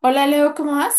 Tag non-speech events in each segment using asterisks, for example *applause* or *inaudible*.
Hola Leo, ¿cómo vas?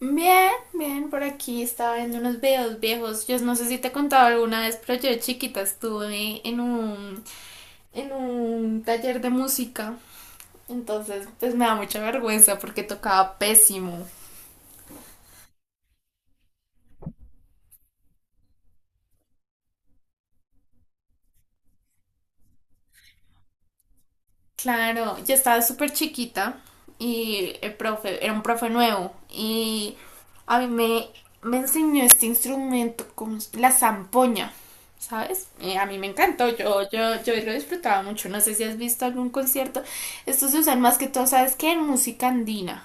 Bien, bien, por aquí estaba viendo unos videos viejos. Yo no sé si te he contado alguna vez, pero yo de chiquita estuve en un taller de música. Entonces, pues me da mucha vergüenza porque tocaba pésimo. Claro, yo estaba súper chiquita y el profe era un profe nuevo y a mí me, me enseñó este instrumento la zampoña, ¿sabes? Y a mí me encantó, yo lo disfrutaba mucho. No sé si has visto algún concierto. Estos se usan más que todo, ¿sabes qué? En música andina,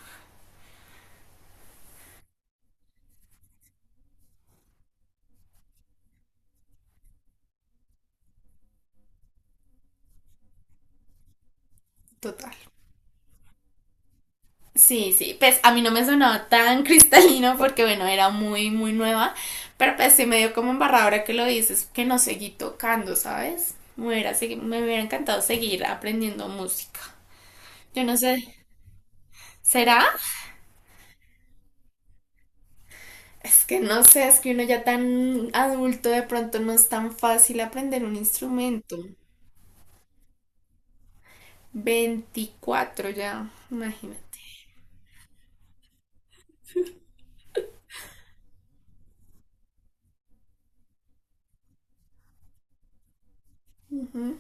total. Sí, sí, pues a mí no me sonaba tan *laughs* cristalino porque bueno, era muy, muy nueva, pero pues sí me dio como embarradora ahora que lo dices, que no seguí tocando, ¿sabes? Me hubiera encantado seguir aprendiendo música. Yo no sé, ¿será? Es que no sé, es que uno ya tan adulto de pronto no es tan fácil aprender un instrumento. 24 ya, imagínate. Ujú,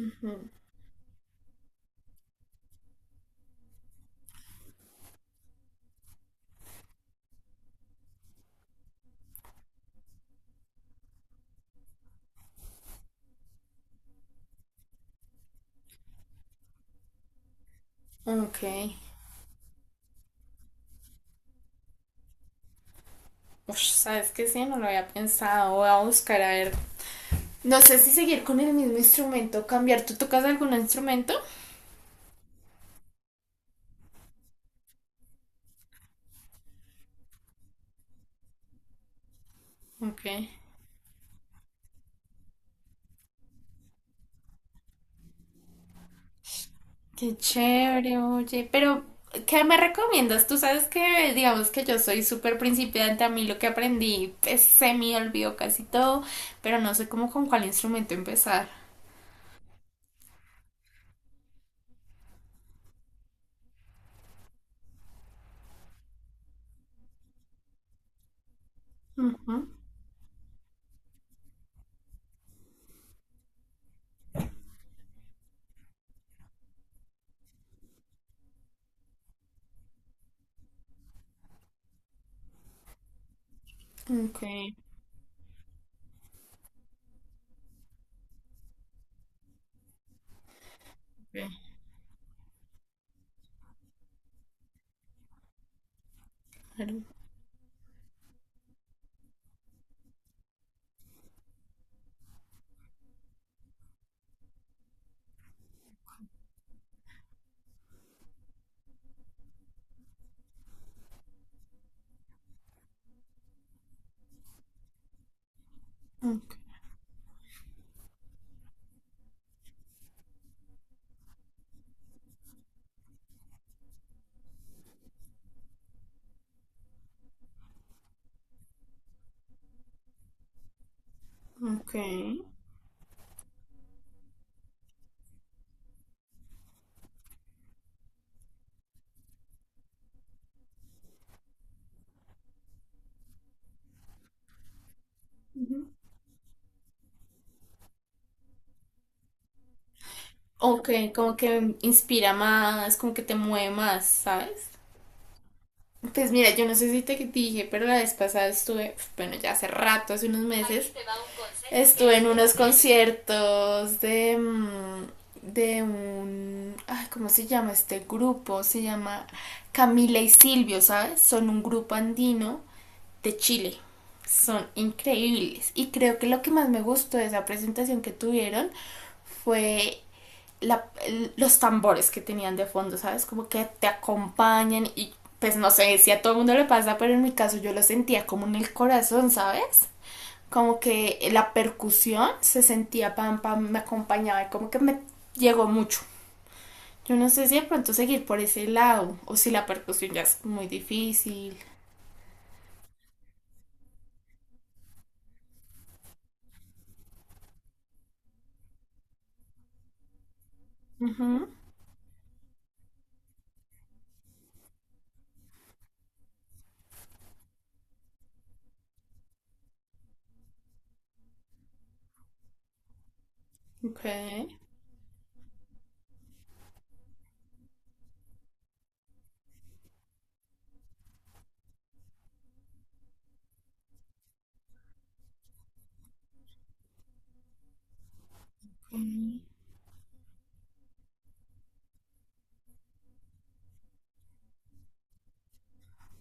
ujú. Ok. Ush, ¿sabes qué? Sí, no lo había pensado. Voy a buscar a ver. No sé si seguir con el mismo instrumento, cambiar. ¿Tú tocas algún instrumento? Ok. Qué chévere, oye. Pero, ¿qué me recomiendas? Tú sabes que, digamos que yo soy súper principiante. A mí lo que aprendí pues, se me olvidó casi todo, pero no sé cómo con cuál instrumento empezar. Ujú. Ok, ok, claro. Mm, ok. Ujú. Ok, como que inspira más, como que te mueve más, ¿sabes? Pues mira, yo no sé si te dije, pero la vez pasada estuve, bueno, ya hace rato, hace unos meses, estuve en unos conciertos de, mm, de un, ay, ¿cómo se llama este grupo? Se llama Camila y Silvio, ¿sabes? Son un grupo andino de Chile. Son increíbles. Y creo que lo que más me gustó de esa presentación que tuvieron fue la- los tambores que tenían de fondo, ¿sabes? Como que te acompañan y pues no sé si a todo el mundo le pasa, pero en mi caso yo lo sentía como en el corazón, ¿sabes? Como que la percusión se sentía pam pam, me acompañaba y como que me llegó mucho. Yo no sé si de pronto seguir por ese lado o si la percusión ya es muy difícil. Ujú, ok.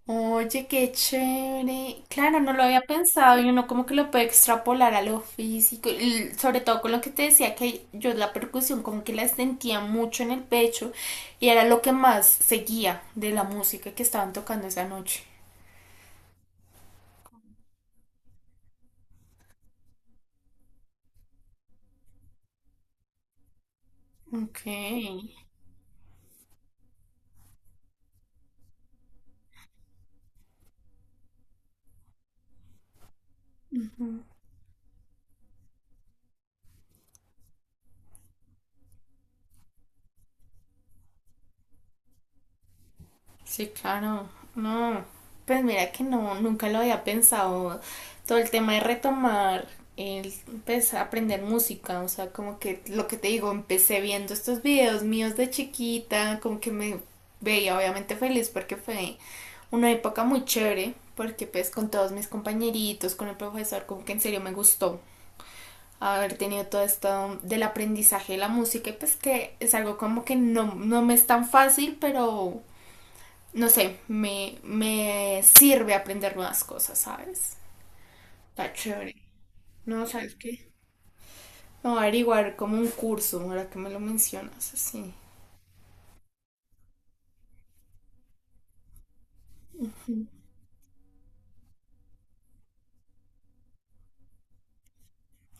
Oye, qué chévere. Claro, no lo había pensado y uno como que lo puede extrapolar a lo físico, y sobre todo con lo que te decía que yo la percusión como que la sentía mucho en el pecho y era lo que más seguía de la música que estaban tocando esa noche. Ok. Sí, claro. No, pues mira que no, nunca lo había pensado. Todo el tema de retomar, el, pues aprender música, o sea, como que lo que te digo, empecé viendo estos videos míos de chiquita, como que me veía obviamente feliz porque fue una época muy chévere, porque pues con todos mis compañeritos, con el profesor, como que en serio me gustó haber tenido todo esto del aprendizaje de la música, y pues que es algo como que no, no me es tan fácil, pero no sé, me sirve aprender nuevas cosas, ¿sabes? Está chévere. No, ¿sabes qué? No averiguar como un curso, ahora que me lo mencionas, así.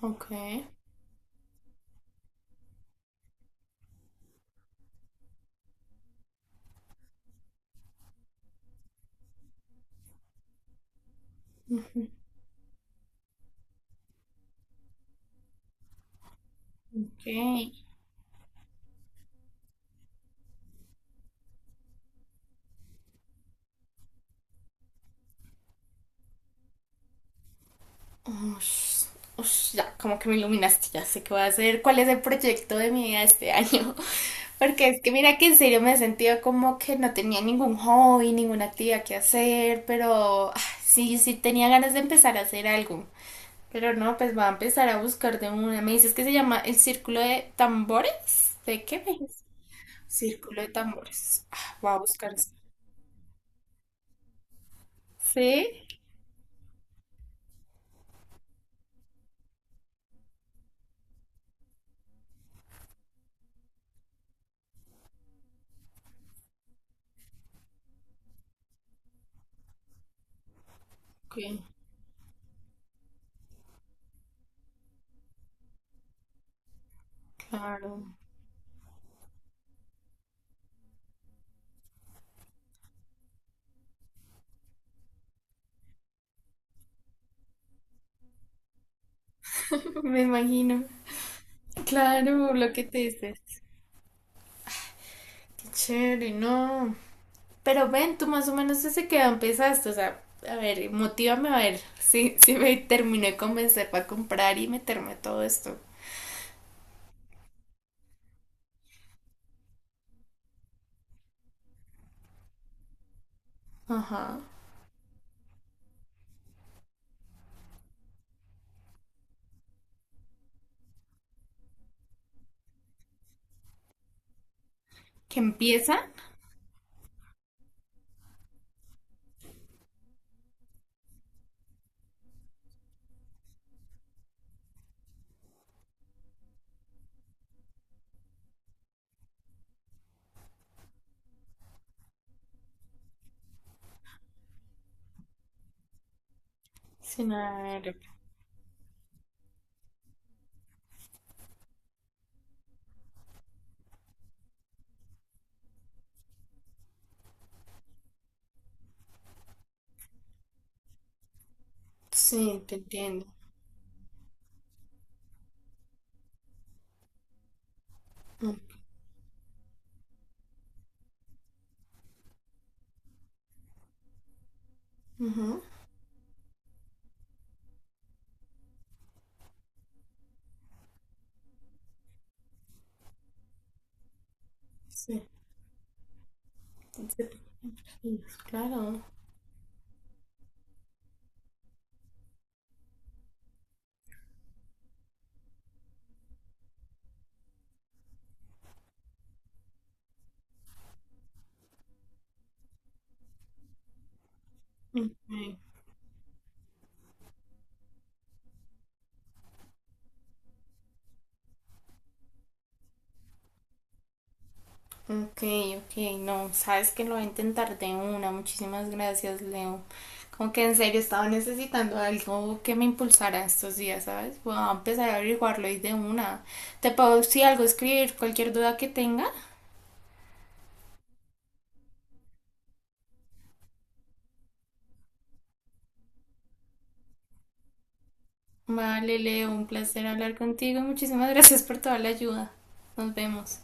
Ok, ok. Ush, ush, ya, como que me iluminaste, ya sé qué voy a hacer, cuál es el proyecto de mi vida este año. *laughs* Porque es que mira que en serio me he sentido como que no tenía ningún hobby, ninguna actividad que hacer, pero ah, sí, sí tenía ganas de empezar a hacer algo. Pero no, pues va a empezar a buscar de una. Me dices que se llama el círculo de tambores. ¿De qué me dices? Círculo de tambores. Ah, voy a buscar eso. ¿Sí? Ok, claro. *laughs* Me imagino. Claro, lo que te dices. Qué chévere, no. Pero ven, tú más o menos desde que empezaste. O sea, a ver, motívame a ver si, si me terminé de convencer para comprar y meterme a todo esto. Ajá. ¿Que empieza? Sin haber- Sí, te entiendo. Mm, ujú. Sí, entonces, sí, claro. Ok, ok. No, sabes que lo voy a intentar de una. Muchísimas gracias, Leo. Como que en serio estaba necesitando algo que me impulsara estos días, ¿sabes? Voy a empezar a averiguarlo y de una. Te puedo, si algo, escribir cualquier duda que tenga. Vale, Leo, un placer hablar contigo. Muchísimas gracias por toda la ayuda. Nos vemos.